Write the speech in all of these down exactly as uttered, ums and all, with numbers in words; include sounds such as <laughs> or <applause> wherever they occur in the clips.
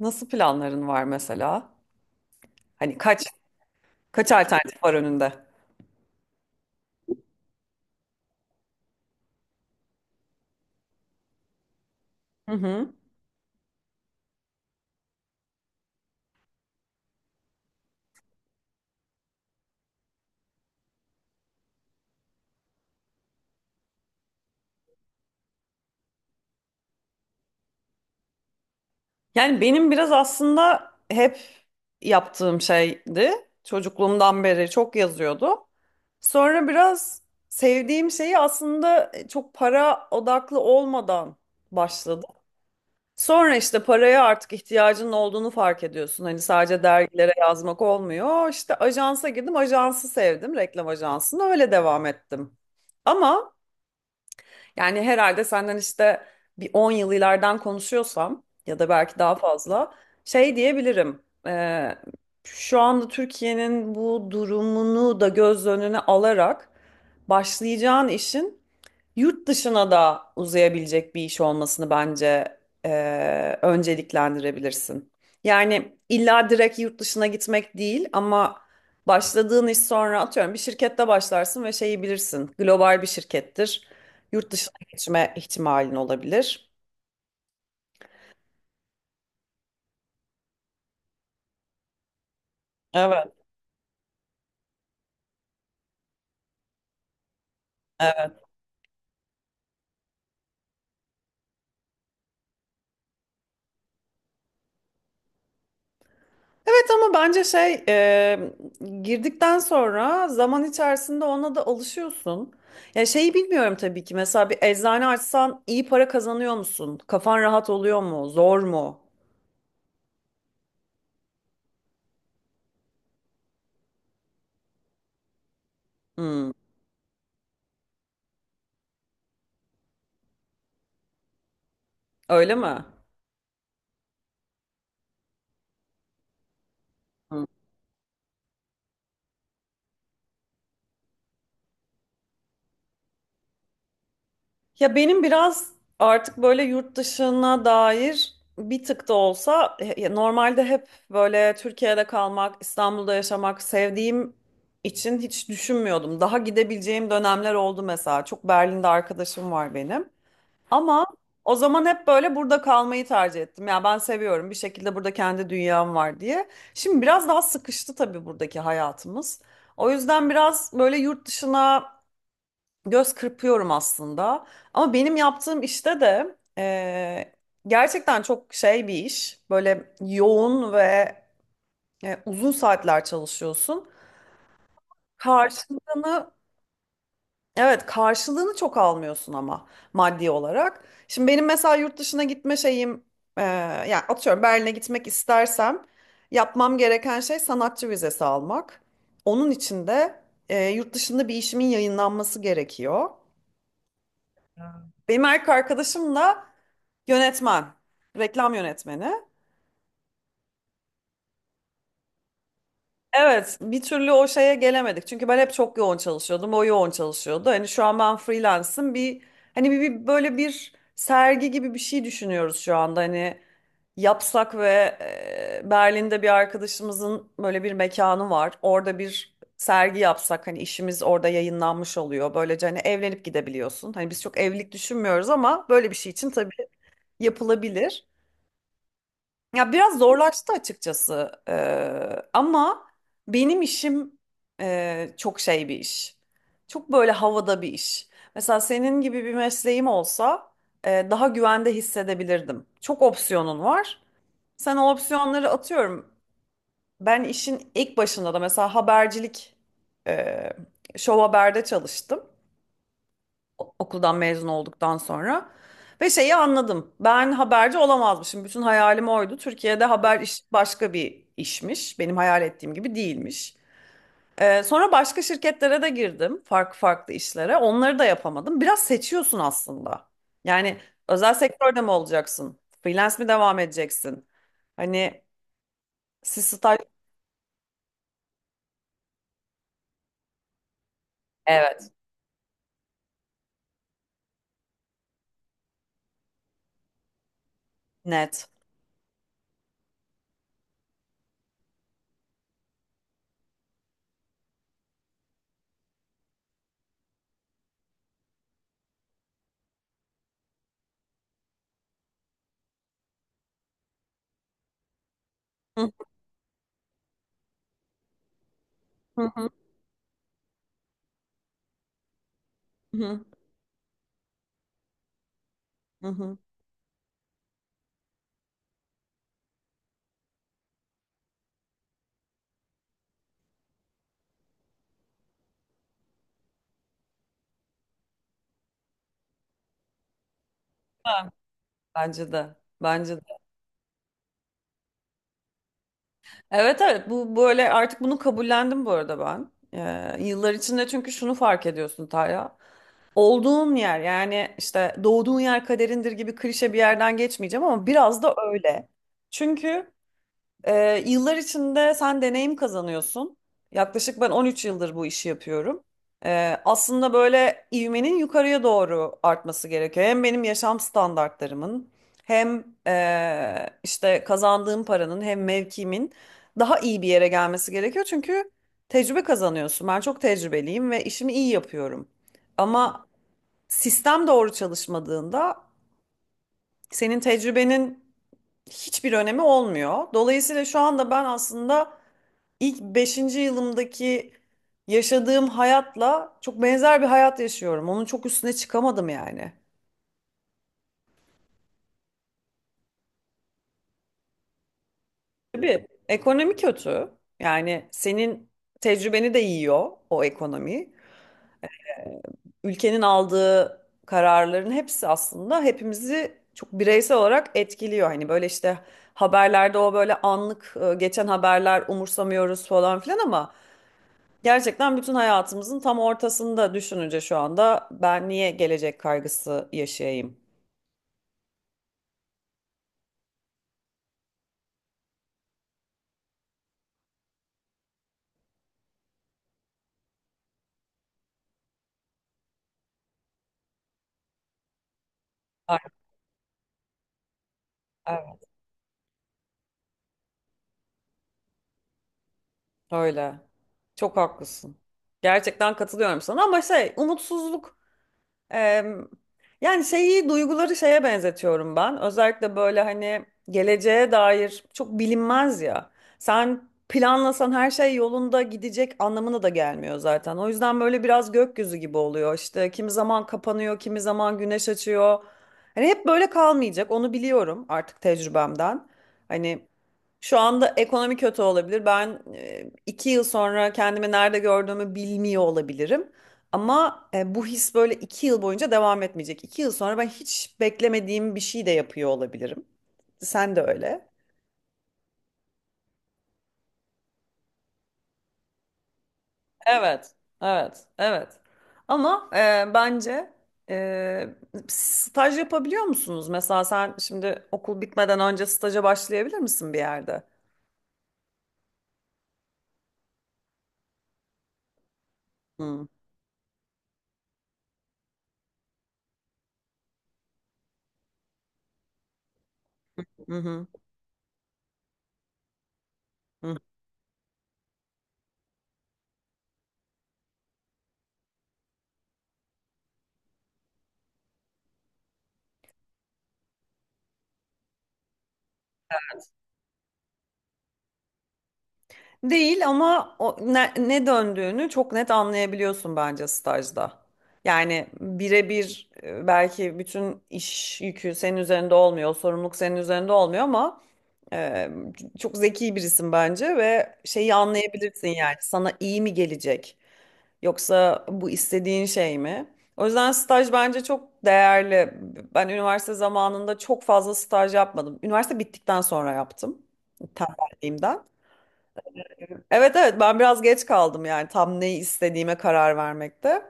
Nasıl planların var mesela? Hani kaç kaç alternatif var önünde? Hı hı. Yani benim biraz aslında hep yaptığım şeydi. Çocukluğumdan beri çok yazıyordum. Sonra biraz sevdiğim şeyi aslında e, çok para odaklı olmadan başladım. Sonra işte paraya artık ihtiyacının olduğunu fark ediyorsun. Hani sadece dergilere yazmak olmuyor. İşte ajansa girdim, ajansı sevdim, reklam ajansını öyle devam ettim. Ama yani herhalde senden işte bir on yıl ileriden konuşuyorsam ya da belki daha fazla şey diyebilirim. Ee, Şu anda Türkiye'nin bu durumunu da göz önüne alarak başlayacağın işin yurt dışına da uzayabilecek bir iş olmasını bence eee önceliklendirebilirsin. Yani illa direkt yurt dışına gitmek değil ama başladığın iş, sonra atıyorum bir şirkette başlarsın ve şeyi bilirsin. Global bir şirkettir. Yurt dışına geçme ihtimalin olabilir. Evet. Evet, ama bence şey e, girdikten sonra zaman içerisinde ona da alışıyorsun. Ya şeyi bilmiyorum tabii ki, mesela bir eczane açsan iyi para kazanıyor musun? Kafan rahat oluyor mu? Zor mu? Hmm, öyle mi? Hmm. Ya benim biraz artık böyle yurt dışına dair bir tık da olsa, he- normalde hep böyle Türkiye'de kalmak, İstanbul'da yaşamak sevdiğim için hiç düşünmüyordum. Daha gidebileceğim dönemler oldu mesela. Çok Berlin'de arkadaşım var benim. Ama o zaman hep böyle burada kalmayı tercih ettim. Ya ben seviyorum bir şekilde, burada kendi dünyam var diye. Şimdi biraz daha sıkıştı tabii buradaki hayatımız. O yüzden biraz böyle yurt dışına göz kırpıyorum aslında. Ama benim yaptığım işte de eee, gerçekten çok şey bir iş. Böyle yoğun ve e, uzun saatler çalışıyorsun. Karşılığını evet, karşılığını çok almıyorsun ama maddi olarak. Şimdi benim mesela yurt dışına gitme şeyim eee yani atıyorum Berlin'e gitmek istersem, yapmam gereken şey sanatçı vizesi almak. Onun için de e, yurt dışında bir işimin yayınlanması gerekiyor. Benim erkek arkadaşımla yönetmen, reklam yönetmeni. Evet, bir türlü o şeye gelemedik. Çünkü ben hep çok yoğun çalışıyordum, o yoğun çalışıyordu. Hani şu an ben freelance'ım. Bir hani bir, bir böyle bir sergi gibi bir şey düşünüyoruz şu anda. Hani yapsak ve e, Berlin'de bir arkadaşımızın böyle bir mekanı var. Orada bir sergi yapsak, hani işimiz orada yayınlanmış oluyor. Böylece hani evlenip gidebiliyorsun. Hani biz çok evlilik düşünmüyoruz ama böyle bir şey için tabii yapılabilir. Ya biraz zorlaştı açıkçası. Ee, ama benim işim e, çok şey bir iş. Çok böyle havada bir iş. Mesela senin gibi bir mesleğim olsa e, daha güvende hissedebilirdim. Çok opsiyonun var. Sen o opsiyonları atıyorum. Ben işin ilk başında da mesela habercilik, e, Show Haber'de çalıştım o- okuldan mezun olduktan sonra. Ve şeyi anladım. Ben haberci olamazmışım. Bütün hayalim oydu. Türkiye'de haber iş başka bir işmiş. Benim hayal ettiğim gibi değilmiş. Ee, sonra başka şirketlere de girdim. Farklı farklı işlere. Onları da yapamadım. Biraz seçiyorsun aslında. Yani özel sektörde mi olacaksın? Freelance mi devam edeceksin? Hani siz staj... Evet. Net. Hı hı. Hı hı. Hı. Bence de. Bence de. Evet evet, bu böyle artık, bunu kabullendim bu arada ben. Ee, yıllar içinde, çünkü şunu fark ediyorsun Taya. Olduğun yer, yani işte doğduğun yer kaderindir gibi klişe bir yerden geçmeyeceğim ama biraz da öyle. Çünkü ee, yıllar içinde sen deneyim kazanıyorsun. Yaklaşık ben on üç yıldır bu işi yapıyorum. Ee, aslında böyle ivmenin yukarıya doğru artması gerekiyor. Hem benim yaşam standartlarımın hem eee, işte kazandığım paranın hem mevkimin daha iyi bir yere gelmesi gerekiyor. Çünkü tecrübe kazanıyorsun. Ben çok tecrübeliyim ve işimi iyi yapıyorum. Ama sistem doğru çalışmadığında senin tecrübenin hiçbir önemi olmuyor. Dolayısıyla şu anda ben aslında ilk beşinci yılımdaki yaşadığım hayatla çok benzer bir hayat yaşıyorum. Onun çok üstüne çıkamadım yani. Tabii ekonomi kötü. Yani senin tecrübeni de yiyor o ekonomi. Ülkenin aldığı kararların hepsi aslında hepimizi çok bireysel olarak etkiliyor. Hani böyle işte haberlerde o böyle anlık e, geçen haberler umursamıyoruz falan filan ama gerçekten bütün hayatımızın tam ortasında düşününce şu anda ben niye gelecek kaygısı yaşayayım? Ay- Evet. Öyle. Çok haklısın. Gerçekten katılıyorum sana ama şey, umutsuzluk Eee, yani şeyi, duyguları şeye benzetiyorum ben. Özellikle böyle hani geleceğe dair çok bilinmez ya. Sen planlasan her şey yolunda gidecek anlamına da gelmiyor zaten. O yüzden böyle biraz gökyüzü gibi oluyor. İşte kimi zaman kapanıyor, kimi zaman güneş açıyor. Hani hep böyle kalmayacak. Onu biliyorum artık tecrübemden. Hani şu anda ekonomi kötü olabilir. Ben e, iki yıl sonra kendimi nerede gördüğümü bilmiyor olabilirim. Ama e, bu his böyle iki yıl boyunca devam etmeyecek. İki yıl sonra ben hiç beklemediğim bir şey de yapıyor olabilirim. Sen de öyle. Evet, evet, evet. Ama e, bence e, staj yapabiliyor musunuz? Mesela sen şimdi okul bitmeden önce staja başlayabilir misin bir yerde? Hı. Hı hı. Değil ama o ne, ne döndüğünü çok net anlayabiliyorsun bence stajda. Yani birebir, e, belki bütün iş yükü senin üzerinde olmuyor, sorumluluk senin üzerinde olmuyor ama e, çok zeki birisin bence ve şeyi anlayabilirsin, yani sana iyi mi gelecek yoksa bu istediğin şey mi? O yüzden staj bence çok değerli. Ben üniversite zamanında çok fazla staj yapmadım. Üniversite bittikten sonra yaptım tembelliğimden. Evet evet, ben biraz geç kaldım yani tam neyi istediğime karar vermekte.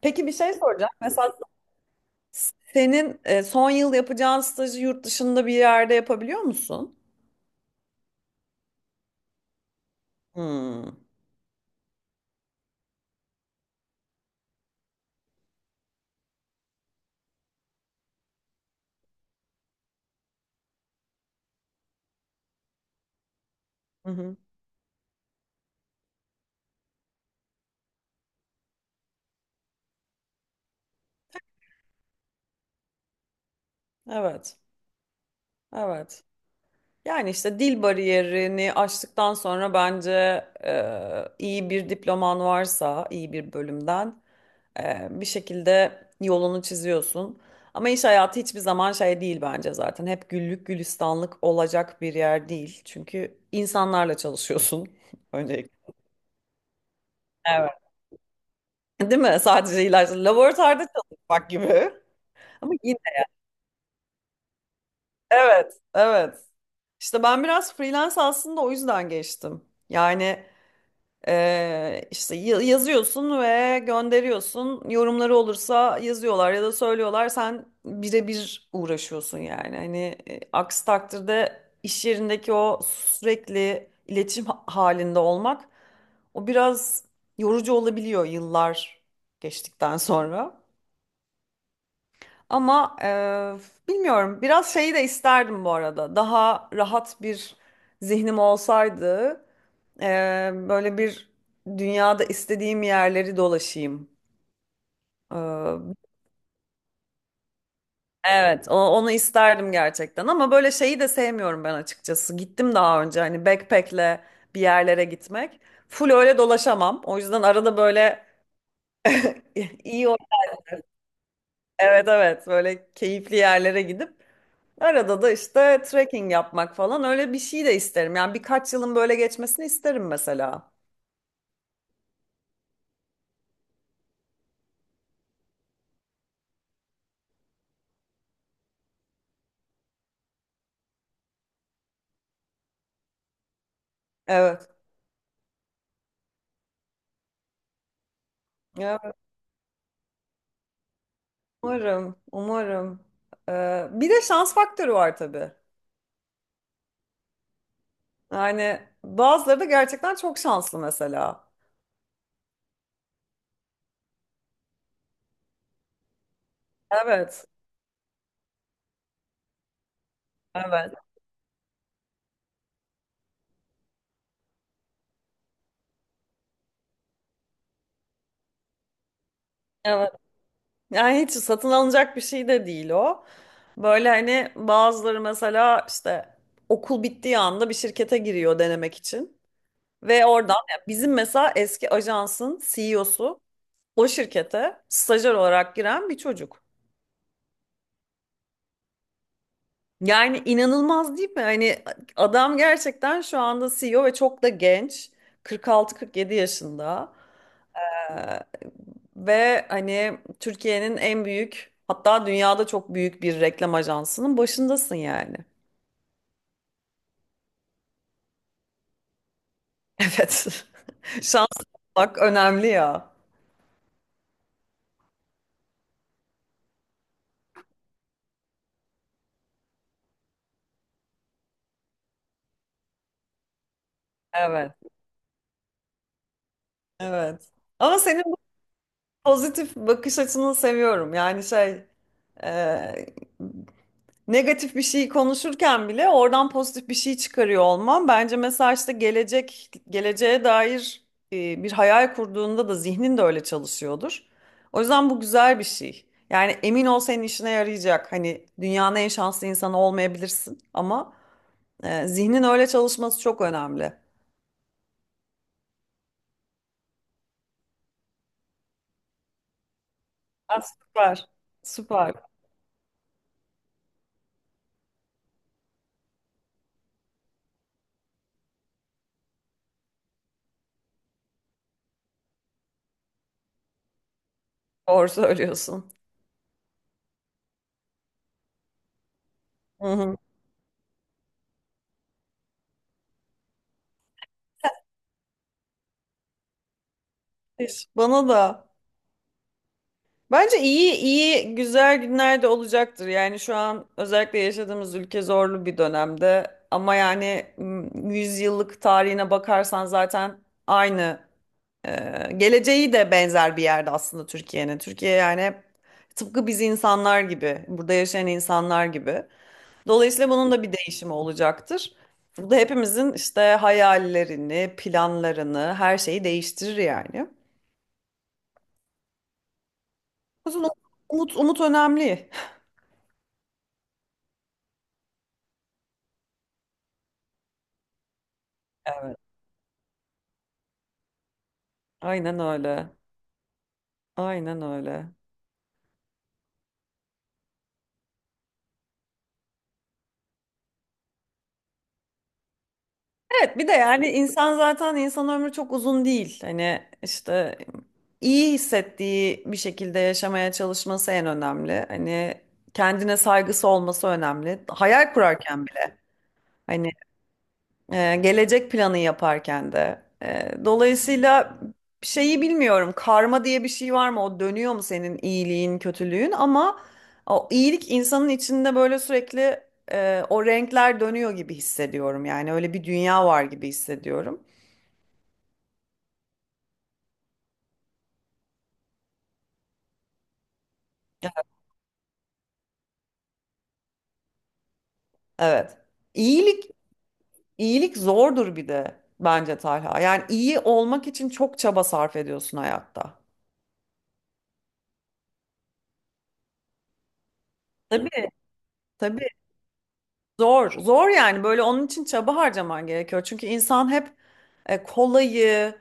Peki bir şey soracağım. Mesela senin e, son yıl yapacağın stajı yurt dışında bir yerde yapabiliyor musun? Hmm. Hı hı. Evet. Evet. Yani işte dil bariyerini aştıktan sonra bence e, iyi bir diploman varsa iyi bir bölümden, Ee, bir şekilde yolunu çiziyorsun. Ama iş hayatı hiçbir zaman şey değil bence zaten. Hep güllük gülistanlık olacak bir yer değil. Çünkü insanlarla çalışıyorsun <laughs> öncelikle. Evet. Değil mi? Sadece ilaçla laboratuvarda çalışmak gibi. <laughs> Ama yine evet, evet. İşte ben biraz freelance aslında o yüzden geçtim. Yani Ee, işte ya- yazıyorsun ve gönderiyorsun. Yorumları olursa yazıyorlar ya da söylüyorlar. Sen birebir uğraşıyorsun yani. Hani e, aksi takdirde iş yerindeki o sürekli iletişim ha- halinde olmak o biraz yorucu olabiliyor yıllar geçtikten sonra. Ama eee, bilmiyorum, biraz şeyi de isterdim bu arada. Daha rahat bir zihnim olsaydı, eee, böyle bir dünyada istediğim yerleri dolaşayım. Eee, evet o- onu isterdim gerçekten ama böyle şeyi de sevmiyorum ben açıkçası. Gittim daha önce hani backpack'le bir yerlere gitmek. Full öyle dolaşamam. O yüzden arada böyle <laughs> iyi o- evet evet, böyle keyifli yerlere gidip arada da işte trekking yapmak falan, öyle bir şey de isterim. Yani birkaç yılın böyle geçmesini isterim mesela. Evet. Evet, umarım, umarım. Ee, bir de şans faktörü var tabii. Yani bazıları da gerçekten çok şanslı mesela. Evet, evet, evet. Yani hiç satın alınacak bir şey de değil o. Böyle hani bazıları mesela işte okul bittiği anda bir şirkete giriyor denemek için. Ve oradan yani bizim mesela eski ajansın C E O'su o şirkete stajyer olarak giren bir çocuk. Yani inanılmaz değil mi? Hani adam gerçekten şu anda C E O ve çok da genç. kırk altı kırk yedi yaşında. Ee, Ve hani Türkiye'nin en büyük, hatta dünyada çok büyük bir reklam ajansının başındasın yani. <laughs> Evet. Şanslı olmak önemli ya. Evet, evet. Ama senin bu pozitif bakış açını seviyorum. Yani şey, e, negatif bir şeyi konuşurken bile oradan pozitif bir şey çıkarıyor olman. Bence mesela işte gelecek, geleceğe dair e, bir hayal kurduğunda da zihnin de öyle çalışıyordur. O yüzden bu güzel bir şey. Yani emin ol, senin işine yarayacak. Hani dünyanın en şanslı insanı olmayabilirsin ama e, zihnin öyle çalışması çok önemli. Aa, süper. Süper. Doğru söylüyorsun. Hı hı. Müthiş. Bana da. Bence iyi iyi güzel günler de olacaktır. Yani şu an özellikle yaşadığımız ülke zorlu bir dönemde. Ama yani m, yüzyıllık tarihine bakarsan zaten aynı e, geleceği de benzer bir yerde aslında Türkiye'nin. Türkiye yani hep tıpkı biz insanlar gibi, burada yaşayan insanlar gibi. Dolayısıyla bunun da bir değişimi olacaktır. Bu da hepimizin işte hayallerini, planlarını, her şeyi değiştirir yani. O yüzden umut, umut önemli. Evet, aynen öyle. Aynen öyle. Evet, bir de yani insan zaten, insan ömrü çok uzun değil. Hani işte iyi hissettiği bir şekilde yaşamaya çalışması en önemli. Hani kendine saygısı olması önemli. Hayal kurarken bile. Hani Ee, gelecek planı yaparken de. Ee, dolayısıyla şeyi bilmiyorum. Karma diye bir şey var mı? O dönüyor mu senin iyiliğin, kötülüğün? Ama o iyilik insanın içinde böyle sürekli e, o renkler dönüyor gibi hissediyorum. Yani öyle bir dünya var gibi hissediyorum. Evet. İyilik, iyilik zordur bir de bence Talha. Yani iyi olmak için çok çaba sarf ediyorsun hayatta. Tabii, tabii. Zor, zor, yani böyle onun için çaba harcaman gerekiyor. Çünkü insan hep e, kolayı,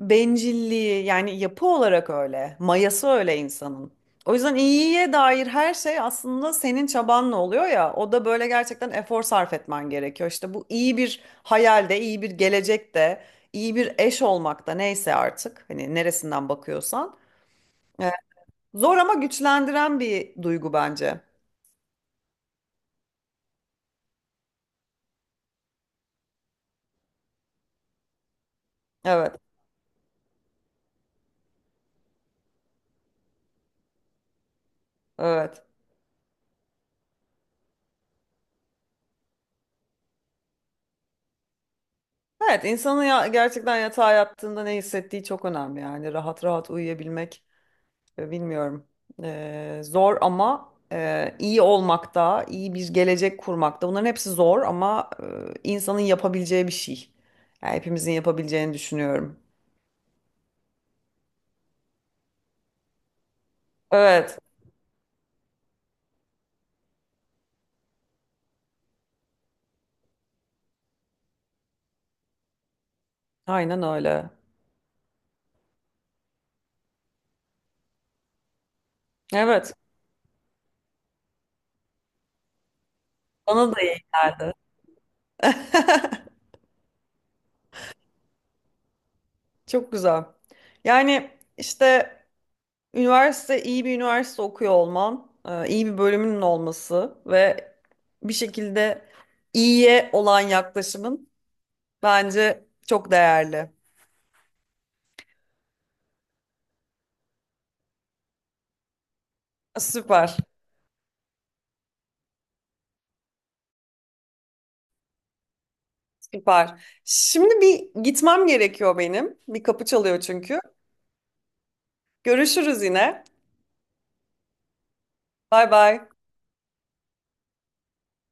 bencilliği, yani yapı olarak öyle. Mayası öyle insanın. O yüzden iyiye dair her şey aslında senin çabanla oluyor ya. O da böyle gerçekten efor sarf etmen gerekiyor. İşte bu iyi bir hayalde, iyi bir gelecekte, iyi bir eş olmakta, neyse artık. Hani neresinden bakıyorsan. E, Zor ama güçlendiren bir duygu bence. Evet, evet. Evet, insanın ya gerçekten yatağa yattığında ne hissettiği çok önemli, yani rahat rahat uyuyabilmek. E, Bilmiyorum. E, zor ama e, iyi olmakta, iyi bir gelecek kurmakta. Bunların hepsi zor ama e, insanın yapabileceği bir şey. Yani hepimizin yapabileceğini düşünüyorum. Evet, aynen öyle. Evet, bana da iyi geldi. <laughs> Çok güzel. Yani işte üniversite, iyi bir üniversite okuyor olman, e, iyi bir bölümünün olması ve bir şekilde iyiye olan yaklaşımın bence çok değerli. Süper, süper. Şimdi bir gitmem gerekiyor benim. Bir kapı çalıyor çünkü. Görüşürüz yine. Bay bay.